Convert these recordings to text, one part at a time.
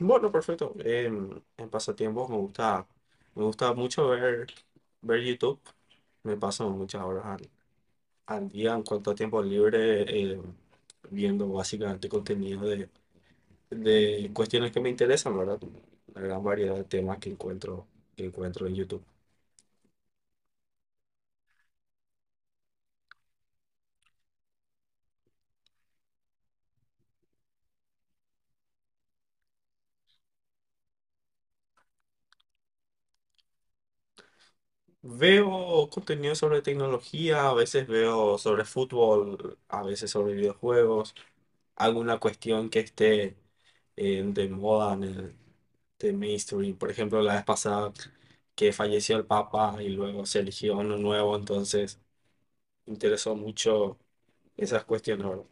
Bueno, perfecto. En pasatiempos me gusta mucho ver YouTube. Me paso muchas horas al día en cuanto a tiempo libre, eh, viendo básicamente contenido de cuestiones que me interesan, ¿verdad? La gran variedad de temas que encuentro en YouTube. Veo contenido sobre tecnología, a veces veo sobre fútbol, a veces sobre videojuegos, alguna cuestión que esté, de moda en el de mainstream. Por ejemplo, la vez pasada que falleció el Papa y luego se eligió uno nuevo, entonces me interesó mucho esas cuestiones, ¿verdad?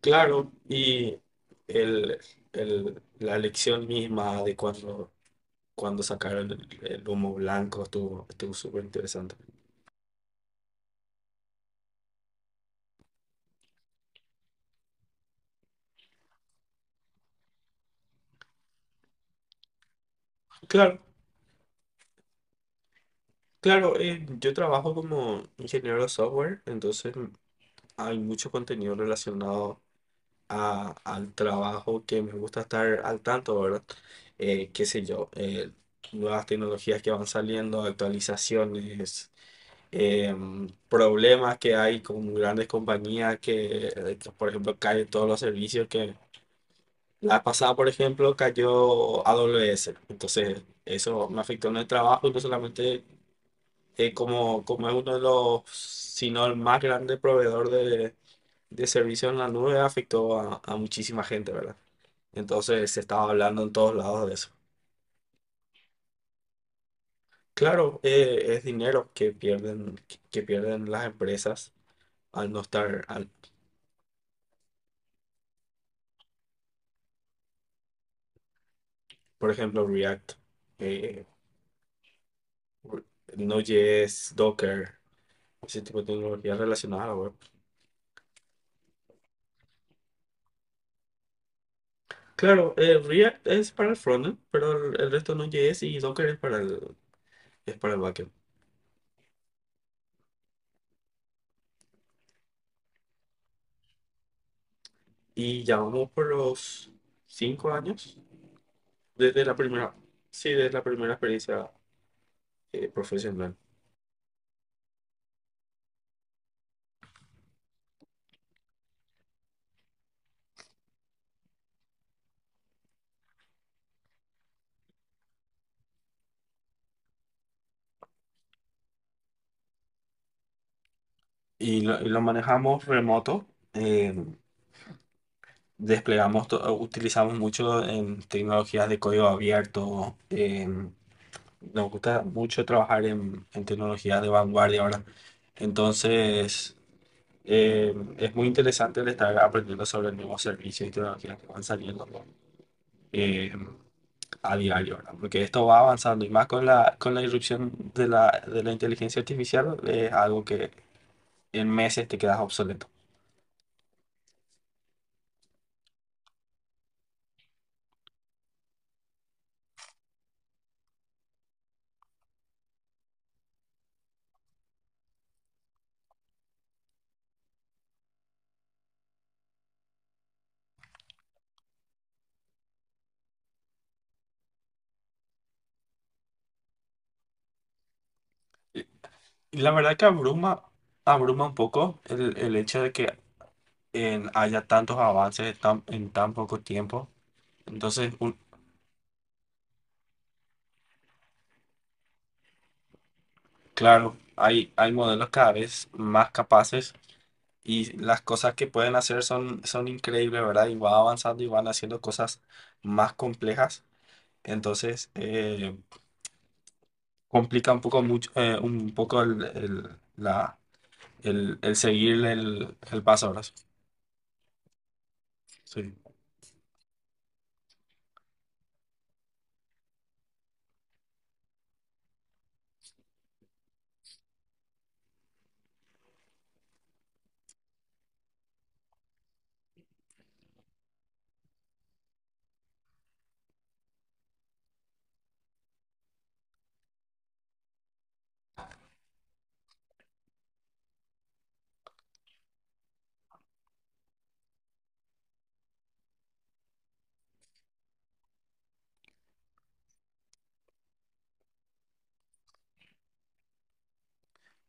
Claro, y el, la elección misma de cuando sacaron el humo blanco estuvo súper interesante. Claro. Claro, yo trabajo como ingeniero de software, entonces hay mucho contenido relacionado al trabajo que me gusta estar al tanto, ¿verdad? Qué sé yo, nuevas tecnologías que van saliendo, actualizaciones, problemas que hay con grandes compañías que, por ejemplo, caen todos los servicios que la pasada, por ejemplo, cayó AWS. Entonces, eso me afectó en el trabajo y no solamente, como es uno de los, si no el más grande proveedor de servicios en la nube, afectó a muchísima gente, ¿verdad? Entonces se estaba hablando en todos lados de eso. Claro, es dinero que pierden, que pierden las empresas al no estar. Por ejemplo, React, eh, Re- Node.js, Docker, ese tipo de tecnologías relacionadas a la web. Claro, React es para el frontend, pero el resto no Node.js y Docker es para el backend. Y ya vamos por los 5 años desde la primera, sí, desde la primera experiencia, profesional. Y lo manejamos remoto, eh, desplegamos, utilizamos mucho en tecnologías de código abierto, nos gusta mucho trabajar en tecnologías de vanguardia ahora. Entonces, es muy interesante el estar aprendiendo sobre nuevos servicios y tecnologías que van saliendo. Eh, a diario, ¿verdad? Porque esto va avanzando y más con la irrupción de la inteligencia artificial es algo que en meses te quedas obsoleto. Y y la verdad que abruma un poco el hecho de que haya tantos avances en tan poco tiempo. Entonces, claro, hay modelos cada vez más capaces y las cosas que pueden hacer son increíbles, ¿verdad? Y va avanzando y van haciendo cosas más complejas. Entonces, complica un poco mucho, un poco el seguir el pasabras. Sí.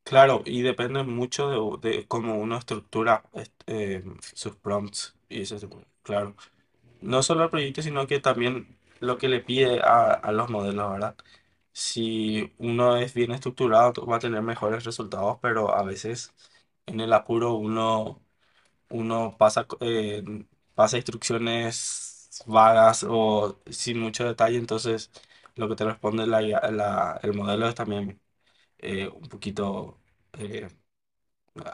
Claro, y depende mucho de cómo uno estructura sus prompts y eso, claro. No solo el proyecto, sino que también lo que le pide a los modelos, ¿verdad? Si uno es bien estructurado, va a tener mejores resultados, pero a veces en el apuro uno pasa instrucciones vagas o sin mucho detalle, entonces lo que te responde la IA, el modelo es también, un poquito, eh,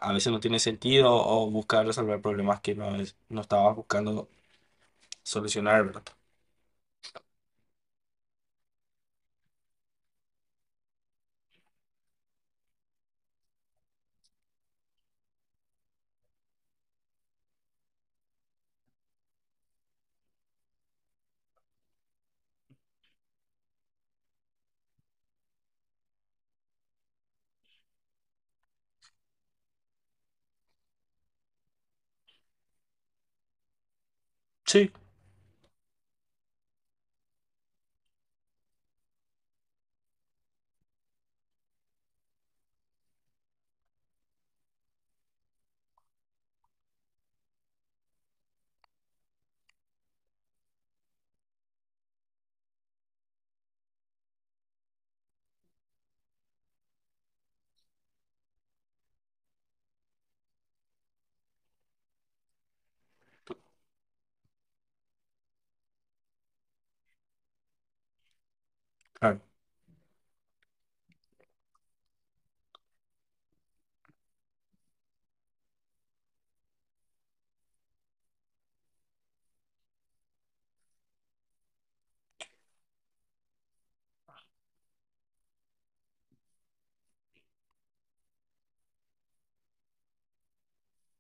a veces no tiene sentido o busca resolver problemas que no estabas buscando solucionar, ¿verdad? Sí, claro,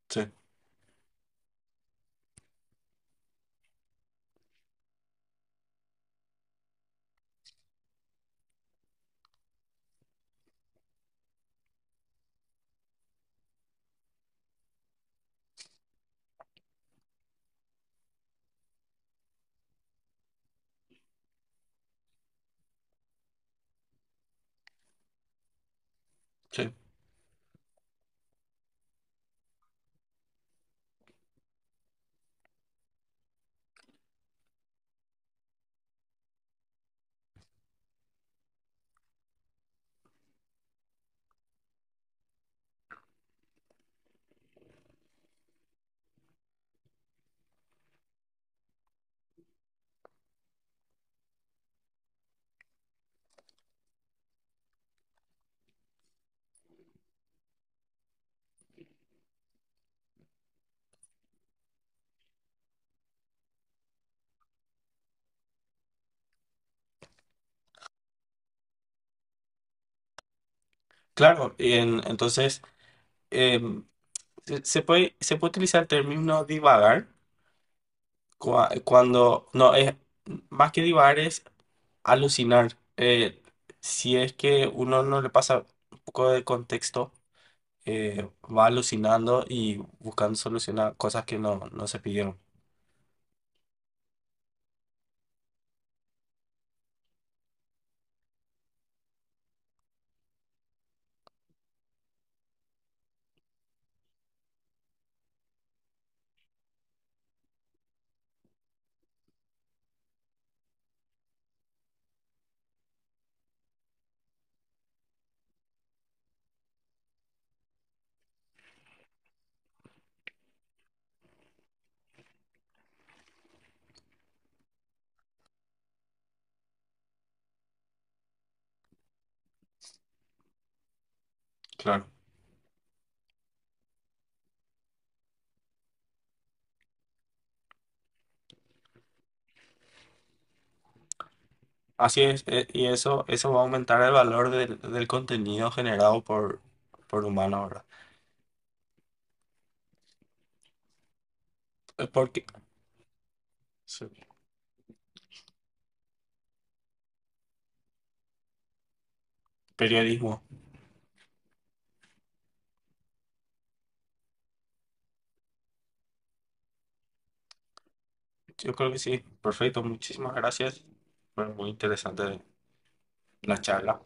sí, sí. Claro, y entonces, em, se puede utilizar el término divagar, cuando, no, es más que divagar, es alucinar. Si es que uno no le pasa un poco de contexto, va alucinando y buscando solucionar cosas que no se pidieron. Claro. Así es, y eso va a aumentar el valor del contenido generado por humano, ahora. Porque, sí, periodismo. Yo creo que sí. Perfecto, muchísimas gracias. Fue muy interesante la charla.